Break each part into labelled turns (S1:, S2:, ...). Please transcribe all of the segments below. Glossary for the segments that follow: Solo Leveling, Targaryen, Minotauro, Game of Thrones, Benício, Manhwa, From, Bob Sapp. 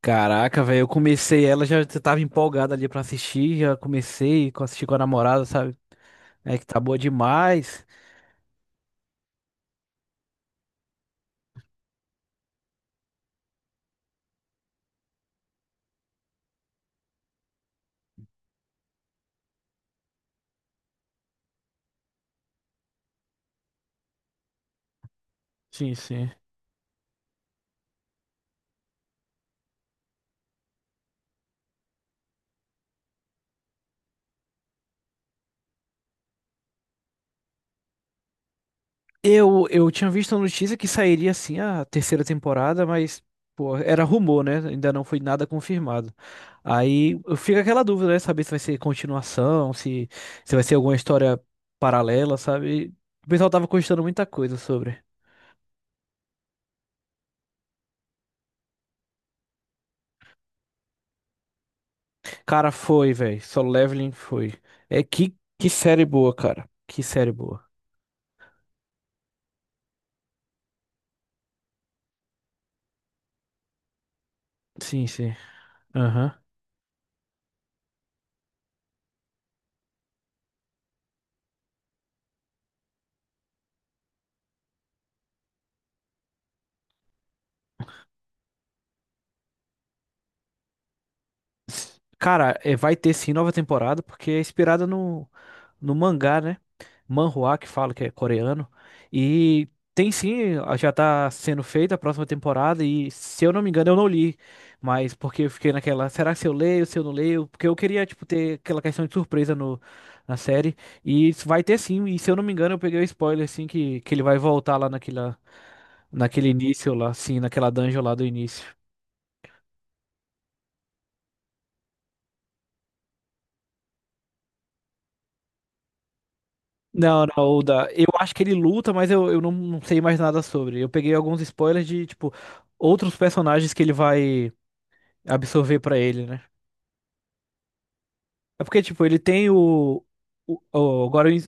S1: Caraca, velho, eu comecei ela, já tava empolgada ali pra assistir, já comecei a assistir com a namorada, sabe? É que tá boa demais. Sim, sim. Eu tinha visto a notícia que sairia assim a terceira temporada, mas pô, era rumor, né? Ainda não foi nada confirmado. Aí eu fico aquela dúvida, né? Saber se vai ser continuação, se vai ser alguma história paralela, sabe? O pessoal tava postando muita coisa sobre. Cara, foi, velho. Solo Leveling foi. É que série boa, cara. Que série boa. Sim, sim. Aham. Cara, é, vai ter sim nova temporada, porque é inspirada no mangá, né? Manhwa, que fala que é coreano. E tem sim, já tá sendo feita a próxima temporada. E se eu não me engano, eu não li. Mas porque eu fiquei naquela, será que se eu leio, se eu não leio? Porque eu queria, tipo, ter aquela questão de surpresa no, na série. E isso vai ter sim. E se eu não me engano, eu peguei o spoiler, assim, que ele vai voltar lá naquela, naquele início lá, sim, naquela dungeon lá do início. Não, não, o da. Eu acho que ele luta, mas eu não, não sei mais nada sobre. Eu peguei alguns spoilers de, tipo, outros personagens que ele vai absorver pra ele, né? É porque, tipo, ele tem o. o, o- agora eu... en-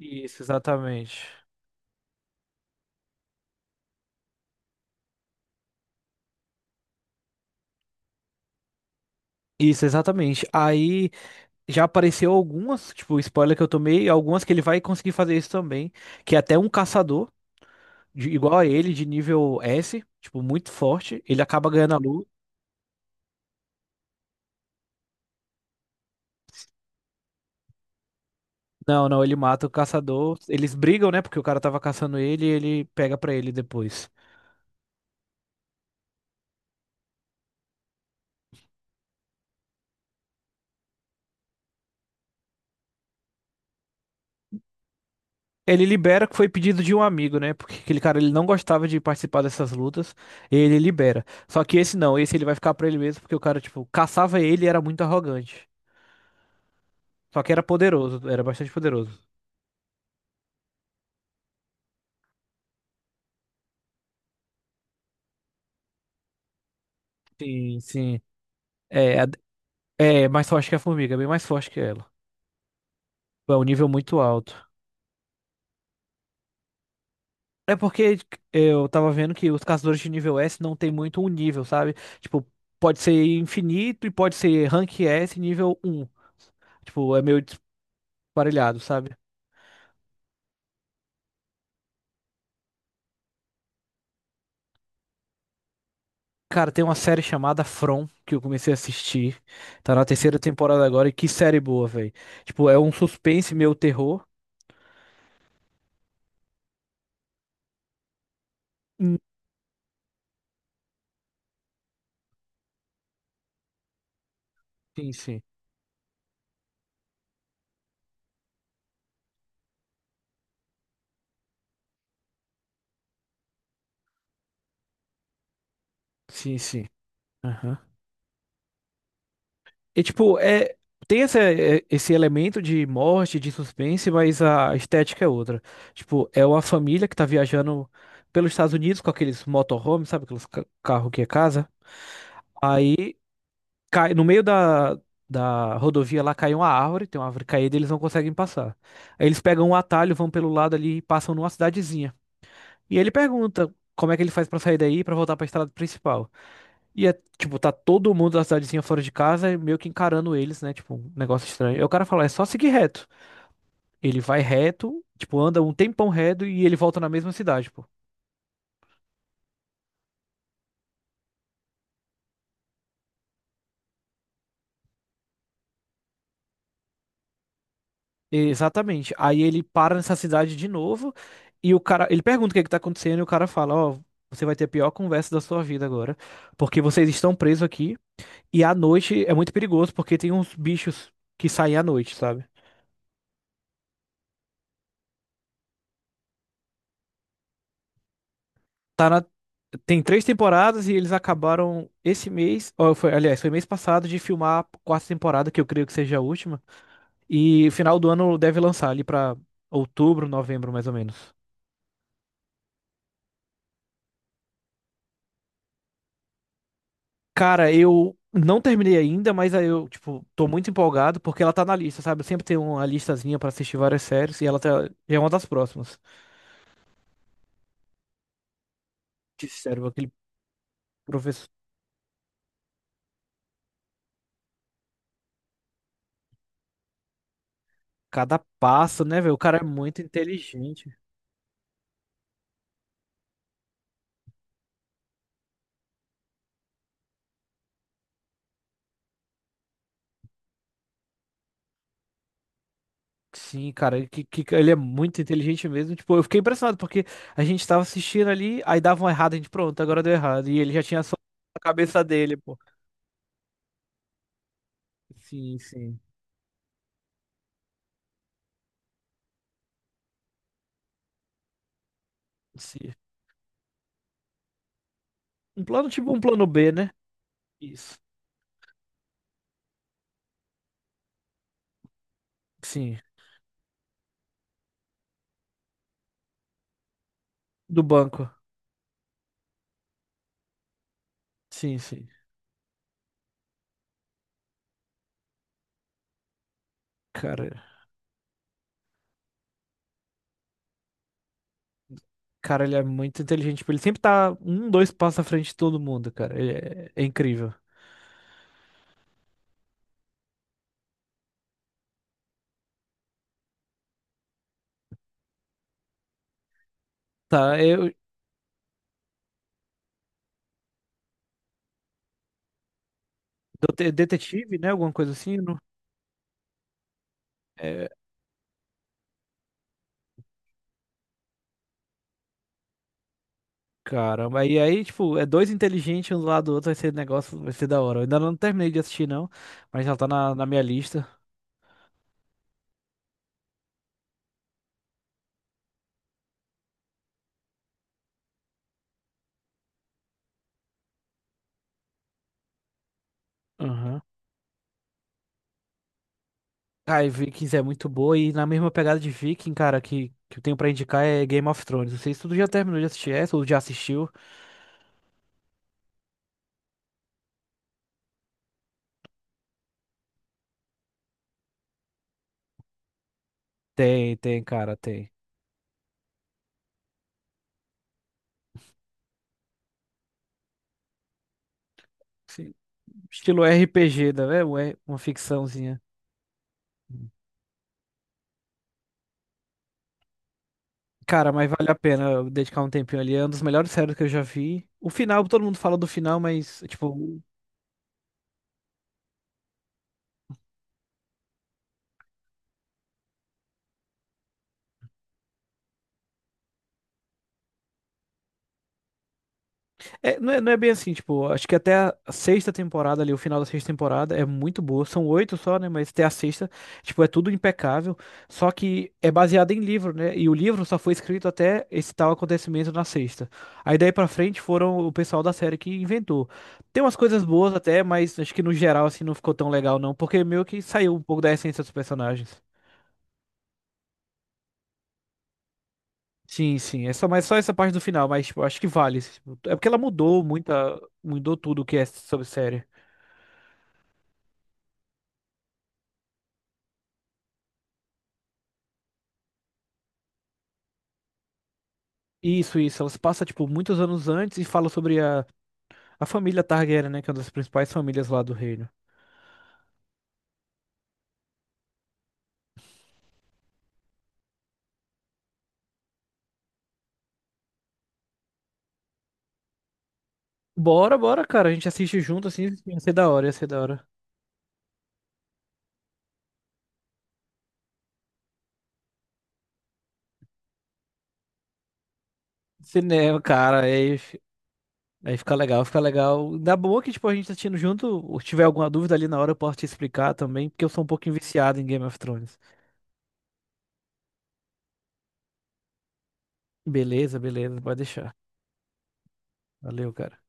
S1: Isso, exatamente. Isso, exatamente. Aí já apareceu algumas, tipo, spoiler que eu tomei, algumas que ele vai conseguir fazer isso também. Que é até um caçador, igual a ele, de nível S, tipo, muito forte, ele acaba ganhando a luta. Não, não, ele mata o caçador. Eles brigam, né? Porque o cara tava caçando ele e ele pega pra ele depois. Ele libera que foi pedido de um amigo, né? Porque aquele cara ele não gostava de participar dessas lutas. E ele libera. Só que esse não, esse ele vai ficar pra ele mesmo porque o cara, tipo, caçava ele e era muito arrogante. Só que era poderoso, era bastante poderoso. Sim, sim. É, é mais forte que a formiga, bem mais forte que ela. É um nível muito alto. É porque eu tava vendo que os caçadores de nível S não tem muito um nível, sabe? Tipo, pode ser infinito e pode ser rank S nível um. Tipo, é meio desparelhado, sabe? Cara, tem uma série chamada From que eu comecei a assistir. Tá na terceira temporada agora e que série boa, velho. Tipo, é um suspense meio terror. Hum. Sim, sim. Sim, sim. E tipo, é, tem essa, é, esse elemento de morte, de suspense, mas a estética é outra. Tipo, é uma família que tá viajando pelos Estados Unidos com aqueles motorhomes, sabe? Aqueles carro que é casa. Aí cai no meio da rodovia lá cai uma árvore, tem uma árvore caída e eles não conseguem passar. Aí eles pegam um atalho, vão pelo lado ali e passam numa cidadezinha. E ele pergunta como é que ele faz pra sair daí e pra voltar pra estrada principal. E é, tipo, tá todo mundo da cidadezinha fora de casa, meio que encarando eles, né? Tipo, um negócio estranho. Aí o cara fala, é só seguir reto. Ele vai reto, tipo, anda um tempão reto e ele volta na mesma cidade, pô. Exatamente. Aí ele para nessa cidade de novo e o cara, ele pergunta o que é que tá acontecendo e o cara fala, ó, você vai ter a pior conversa da sua vida agora, porque vocês estão presos aqui e à noite é muito perigoso porque tem uns bichos que saem à noite, sabe? Tá na... Tem três temporadas e eles acabaram esse mês, ou foi, aliás, foi mês passado de filmar a quarta temporada, que eu creio que seja a última. E final do ano deve lançar ali pra outubro, novembro, mais ou menos. Cara, eu não terminei ainda, mas aí eu, tipo, tô muito empolgado porque ela tá na lista, sabe? Eu sempre tenho uma listazinha pra assistir várias séries e ela tá... é uma das próximas. Que sério, aquele professor. Cada passo, né, velho? O cara é muito inteligente. Sim, cara, que ele é muito inteligente mesmo. Tipo, eu fiquei impressionado porque a gente tava assistindo ali, aí dava um errado, a gente, pronto, agora deu errado. E ele já tinha só a cabeça dele, pô. Sim, sim, sim. Um plano tipo um plano B, né? Isso. Sim, do banco. Sim, sim. Cara, cara, ele é muito inteligente. Tipo, ele sempre tá um, dois passos à frente de todo mundo, cara. Ele é incrível. Tá, eu, detetive, né? Alguma coisa assim, não? É. Caramba, aí aí, tipo, é dois inteligentes um do lado do outro, vai ser negócio, vai ser da hora. Eu ainda não terminei de assistir, não, mas já tá na minha lista. Aham. Ah, e Vikings é muito boa, e na mesma pegada de Viking, cara, que eu tenho pra indicar é Game of Thrones. Não sei se tu já terminou de assistir essa ou já assistiu. Tem, tem, cara, tem. Sim. Estilo RPG, né? Uma ficçãozinha. Cara, mas vale a pena eu dedicar um tempinho ali. É um dos melhores séries que eu já vi. O final, todo mundo fala do final, mas, tipo. É, não é, não é bem assim, tipo, acho que até a sexta temporada ali, o final da sexta temporada é muito boa. São oito só, né? Mas até a sexta, tipo, é tudo impecável. Só que é baseado em livro, né? E o livro só foi escrito até esse tal acontecimento na sexta. Aí daí pra frente foram o pessoal da série que inventou. Tem umas coisas boas até, mas acho que no geral, assim, não ficou tão legal, não. Porque meio que saiu um pouco da essência dos personagens. Sim, sim. É só, mas só essa parte do final, mas, tipo, acho que vale. Tipo, é porque ela mudou muita, mudou tudo o que é sobre série. Isso, isso. Ela se passa, tipo, muitos anos antes e fala sobre a família Targaryen, né? Que é uma das principais famílias lá do reino. Bora, bora, cara. A gente assiste junto, assim, ia ser da hora, ia ser da hora. Cinema, cara, aí, aí fica legal, fica legal. Ainda boa que, tipo, a gente tá assistindo junto. Ou Se tiver alguma dúvida ali na hora, eu posso te explicar também, porque eu sou um pouquinho viciado em Game of Thrones. Beleza, beleza, pode deixar. Valeu, cara.